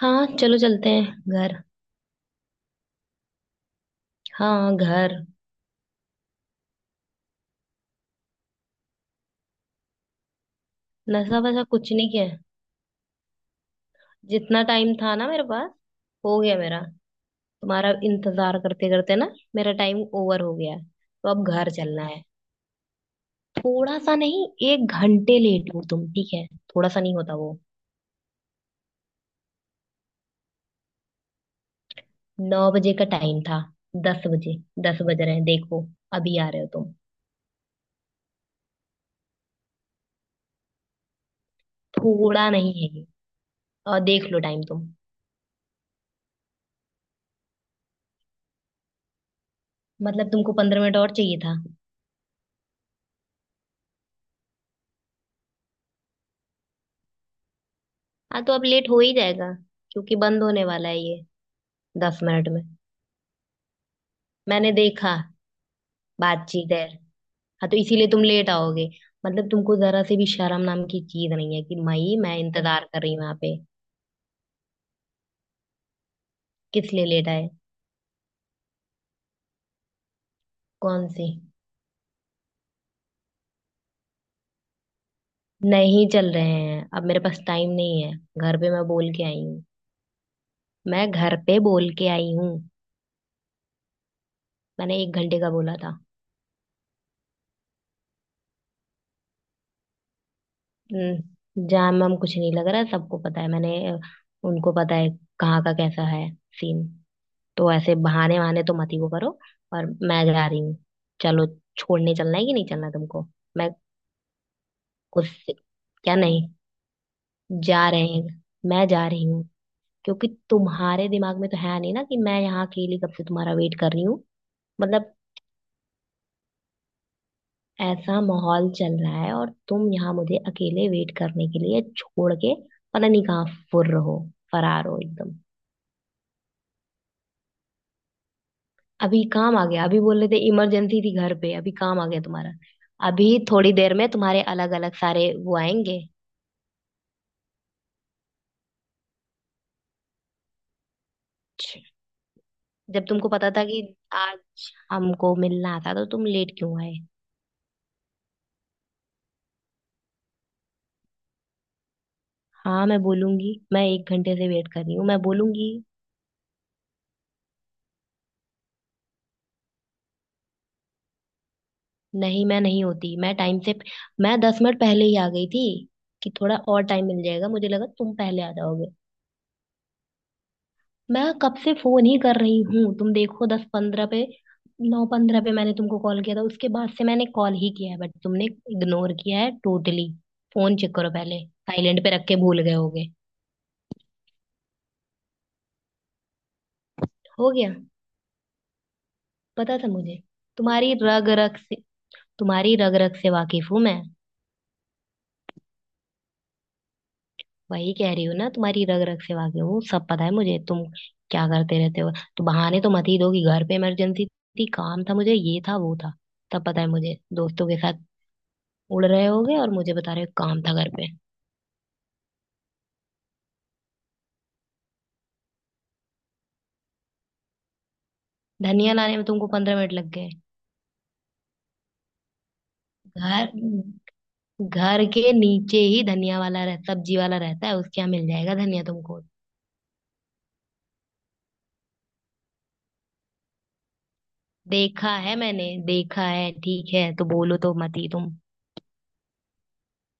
हाँ चलो चलते हैं घर। हाँ घर। नशा वशा कुछ नहीं किया है। जितना टाइम था ना मेरे पास हो गया मेरा। तुम्हारा इंतजार करते करते ना मेरा टाइम ओवर हो गया है तो अब घर चलना है। थोड़ा सा नहीं। 1 घंटे लेट हो तुम ठीक है। थोड़ा सा नहीं होता वो। 9 बजे का टाइम था। 10 बजे। 10 बज रहे हैं देखो। अभी आ रहे हो तुम। थोड़ा नहीं है ये। और देख लो टाइम तुम। मतलब तुमको 15 मिनट और चाहिए था। हाँ तो अब लेट हो ही जाएगा, क्योंकि बंद होने वाला है ये। 10 मिनट में। मैंने देखा। बातचीत है। हाँ तो इसीलिए तुम लेट आओगे। मतलब तुमको जरा से भी शर्म नाम की चीज नहीं है कि मई मैं इंतजार कर रही हूँ यहाँ पे। किस लिए लेट आए। कौन सी। नहीं चल रहे हैं, अब मेरे पास टाइम नहीं है। घर पे मैं बोल के आई हूँ। मैं घर पे बोल के आई हूँ। मैंने 1 घंटे का बोला था। जाम वाम कुछ नहीं लग रहा है, सबको पता है मैंने। उनको पता है कहाँ का कैसा है सीन। तो ऐसे बहाने वहाने तो मत ही वो करो। और मैं जा रही हूँ। चलो। छोड़ने चलना है कि नहीं चलना तुमको। मैं उससे क्या नहीं। जा रहे हैं। मैं जा रही हूँ, क्योंकि तुम्हारे दिमाग में तो है नहीं ना कि मैं यहाँ अकेली कब से तुम्हारा वेट कर रही हूँ। मतलब ऐसा माहौल चल रहा है और तुम यहाँ मुझे अकेले वेट करने के लिए छोड़ के पता नहीं कहाँ फुर्र हो। फरार हो एकदम। अभी काम आ गया, अभी बोल रहे थे इमरजेंसी थी घर पे, अभी काम आ गया तुम्हारा। अभी थोड़ी देर में तुम्हारे अलग अलग सारे वो आएंगे। जब तुमको पता था कि आज हमको मिलना था तो तुम लेट क्यों आए। हाँ मैं बोलूंगी, मैं 1 घंटे से वेट कर रही हूँ, मैं बोलूंगी। नहीं, मैं नहीं होती, मैं टाइम से। मैं 10 मिनट पहले ही आ गई थी कि थोड़ा और टाइम मिल जाएगा, मुझे लगा तुम पहले आ जाओगे। मैं कब से फोन ही कर रही हूँ, तुम देखो, 10:15 पे, 9:15 पे मैंने तुमको कॉल किया था, उसके बाद से मैंने कॉल ही किया है बट तुमने इग्नोर किया है टोटली। फोन चेक करो पहले। साइलेंट पे रख के भूल गए होगे। हो गया। पता था मुझे। तुम्हारी रग रग से, तुम्हारी रग रग से वाकिफ हूँ मैं। वही कह रही हूँ ना, तुम्हारी रग रग से वाकिफ हूँ, सब पता है मुझे तुम क्या करते रहते हो। तो बहाने तो मत ही दो कि घर पे इमरजेंसी थी, काम था मुझे, ये था, वो था। तब पता है मुझे, दोस्तों के साथ उड़ रहे होगे और मुझे बता रहे हो काम था घर पे। धनिया लाने में तुमको 15 मिनट लग गए। घर, घर के नीचे ही धनिया वाला रह सब्जी वाला रहता है, उसके यहाँ मिल जाएगा धनिया तुमको। देखा है मैंने, देखा है, ठीक है, तो बोलो तो मत ही तुम।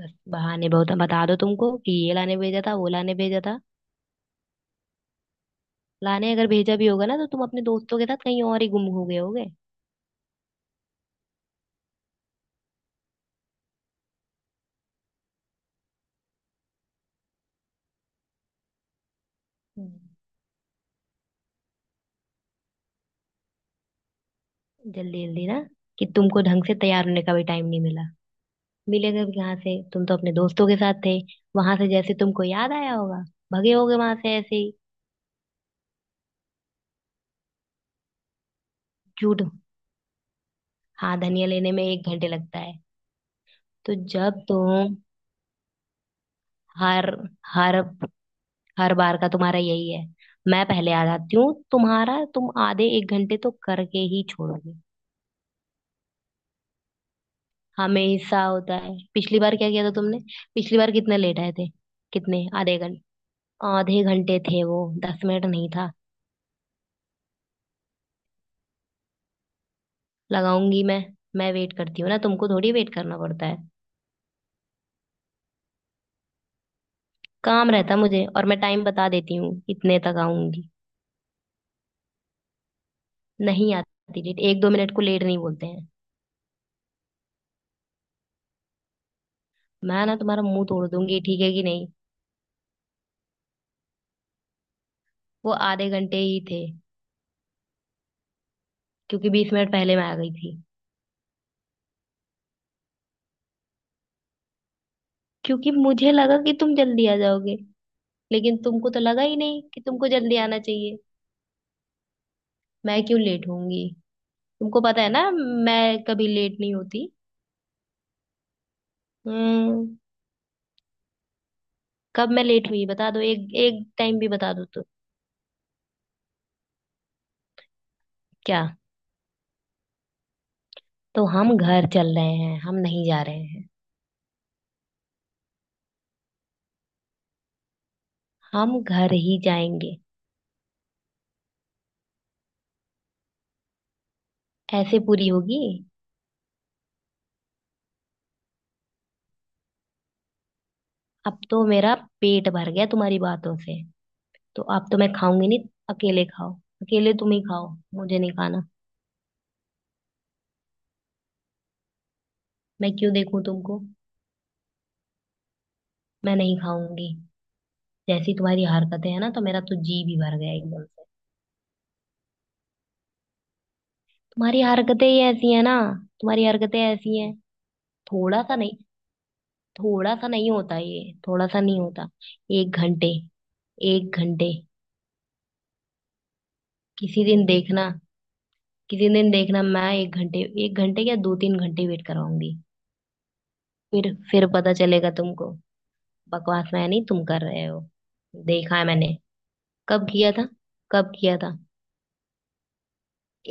बस बहाने बहुत बता दो तुमको कि ये लाने भेजा था, वो लाने भेजा था। लाने अगर भेजा भी होगा ना, तो तुम अपने दोस्तों के साथ कहीं और ही गुम हो गए होगे। हम्म। जल्दी जल्दी ना कि तुमको ढंग से तैयार होने का भी टाइम नहीं मिला। मिलेगा भी कहाँ से, तुम तो अपने दोस्तों के साथ थे। वहां से जैसे तुमको याद आया होगा, भगे होगे वहां से ऐसे ही। झूठ। हाँ, धनिया लेने में 1 घंटे लगता है। तो जब तुम हर हर हर बार का तुम्हारा यही है। मैं पहले आ जाती हूँ, तुम्हारा तुम आधे 1 घंटे तो करके ही छोड़ोगे। हमेशा होता है, पिछली बार क्या किया था तुमने। पिछली बार कितने लेट आए थे। कितने, आधे घंटे। आधे घंटे थे वो। 10 मिनट नहीं था। लगाऊंगी मैं। मैं वेट करती हूँ ना तुमको, थोड़ी वेट करना पड़ता है। काम रहता मुझे और मैं टाइम बता देती हूँ इतने तक आऊंगी। नहीं आती लेट, 1-2 मिनट को लेट नहीं बोलते हैं। मैं ना तुम्हारा मुंह तोड़ दूंगी, ठीक है कि नहीं। वो आधे घंटे ही थे, क्योंकि 20 मिनट पहले मैं आ गई थी। क्योंकि मुझे लगा कि तुम जल्दी आ जाओगे। लेकिन तुमको तो लगा ही नहीं कि तुमको जल्दी आना चाहिए। मैं क्यों लेट होंगी। तुमको पता है ना, मैं कभी लेट नहीं होती। हम्म। कब मैं लेट हुई, बता दो, एक एक टाइम भी बता दो तो। क्या। तो हम घर चल रहे हैं, हम नहीं जा रहे हैं। हम घर ही जाएंगे। ऐसे पूरी होगी। अब तो मेरा पेट भर गया तुम्हारी बातों से। तो अब तो मैं खाऊंगी नहीं। अकेले खाओ। अकेले तुम ही खाओ। मुझे नहीं खाना। मैं क्यों देखूं तुमको। मैं नहीं खाऊंगी। जैसी तुम्हारी हरकतें है ना, तो मेरा तो जी भी भर गया एकदम से। तुम्हारी हरकतें ही ऐसी है ना। तुम्हारी हरकतें ऐसी हैं। थोड़ा सा नहीं। थोड़ा सा नहीं होता ये, थोड़ा सा नहीं होता। 1 घंटे। 1 घंटे। किसी दिन देखना, किसी दिन देखना, मैं 1 घंटे, 1 घंटे या 2-3 घंटे वेट कराऊंगी। फिर पता चलेगा तुमको। बकवास मैं नहीं, तुम कर रहे हो। देखा है मैंने। कब किया था। कब किया था।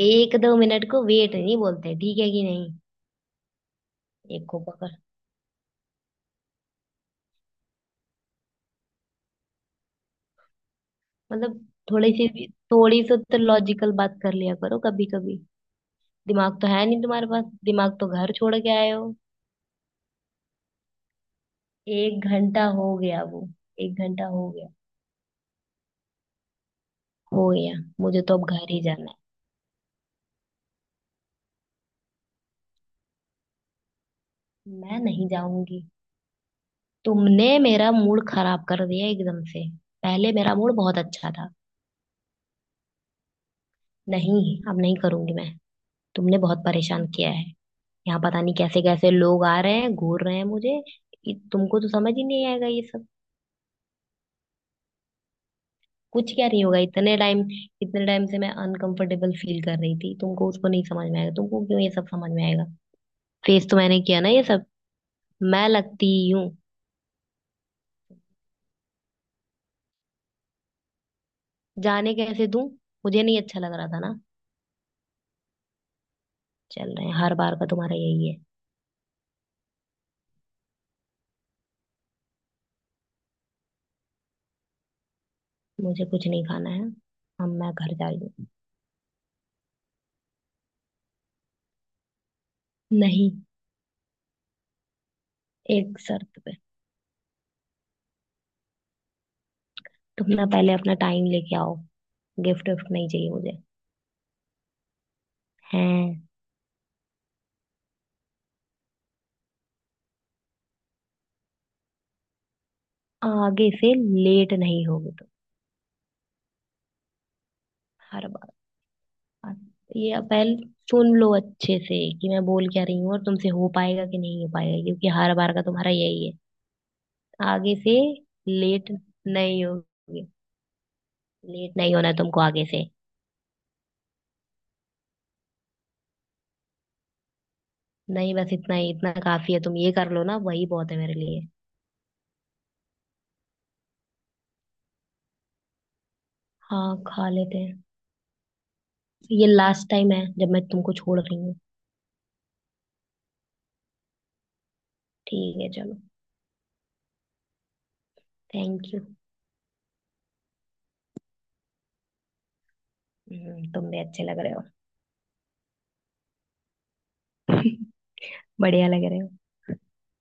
1-2 मिनट को वेट नहीं बोलते, ठीक है कि नहीं। एक को पकड़। मतलब थोड़ी सी भी, थोड़ी सी तो लॉजिकल बात कर लिया करो कभी कभी। दिमाग तो है नहीं तुम्हारे पास, दिमाग तो घर छोड़ के आए हो। 1 घंटा हो गया वो, 1 घंटा हो गया। हो गया। मुझे तो अब घर ही जाना है। मैं नहीं जाऊंगी। तुमने मेरा मूड खराब कर दिया एकदम से। पहले मेरा मूड बहुत अच्छा था। नहीं, अब नहीं करूंगी मैं। तुमने बहुत परेशान किया है। यहाँ पता नहीं कैसे कैसे लोग आ रहे हैं, घूर रहे हैं मुझे। तुमको तो समझ ही नहीं आएगा ये सब। कुछ क्या नहीं होगा, इतने टाइम, इतने टाइम से मैं अनकंफर्टेबल फील कर रही थी, तुमको उसको नहीं समझ में आएगा, तुमको क्यों ये सब समझ में आएगा। फेस तो मैंने किया ना ये सब। मैं लगती हूँ। जाने कैसे दूं। मुझे नहीं अच्छा लग रहा था ना। चल रहे हैं, हर बार का तुम्हारा यही है। मुझे कुछ नहीं खाना है। हम मैं घर जा रही हूँ। नहीं। एक शर्त पे। तुम ना पहले अपना टाइम लेके आओ। गिफ्ट विफ्ट नहीं चाहिए मुझे। हैं। आगे से लेट नहीं होगी तुम। हर बार ये पहले सुन लो अच्छे से कि मैं बोल क्या रही हूँ और तुमसे हो पाएगा कि नहीं हो पाएगा, क्योंकि हर बार का तुम्हारा यही है। आगे से लेट नहीं होगी। लेट नहीं होना है तुमको आगे से। नहीं बस इतना ही, इतना काफी है, तुम ये कर लो ना, वही बहुत है मेरे लिए। हाँ खा लेते हैं। ये लास्ट टाइम है जब मैं तुमको छोड़ रही हूँ। ठीक है चलो। Thank you. तुम भी अच्छे लग रहे हो। बढ़िया लग रहे हो।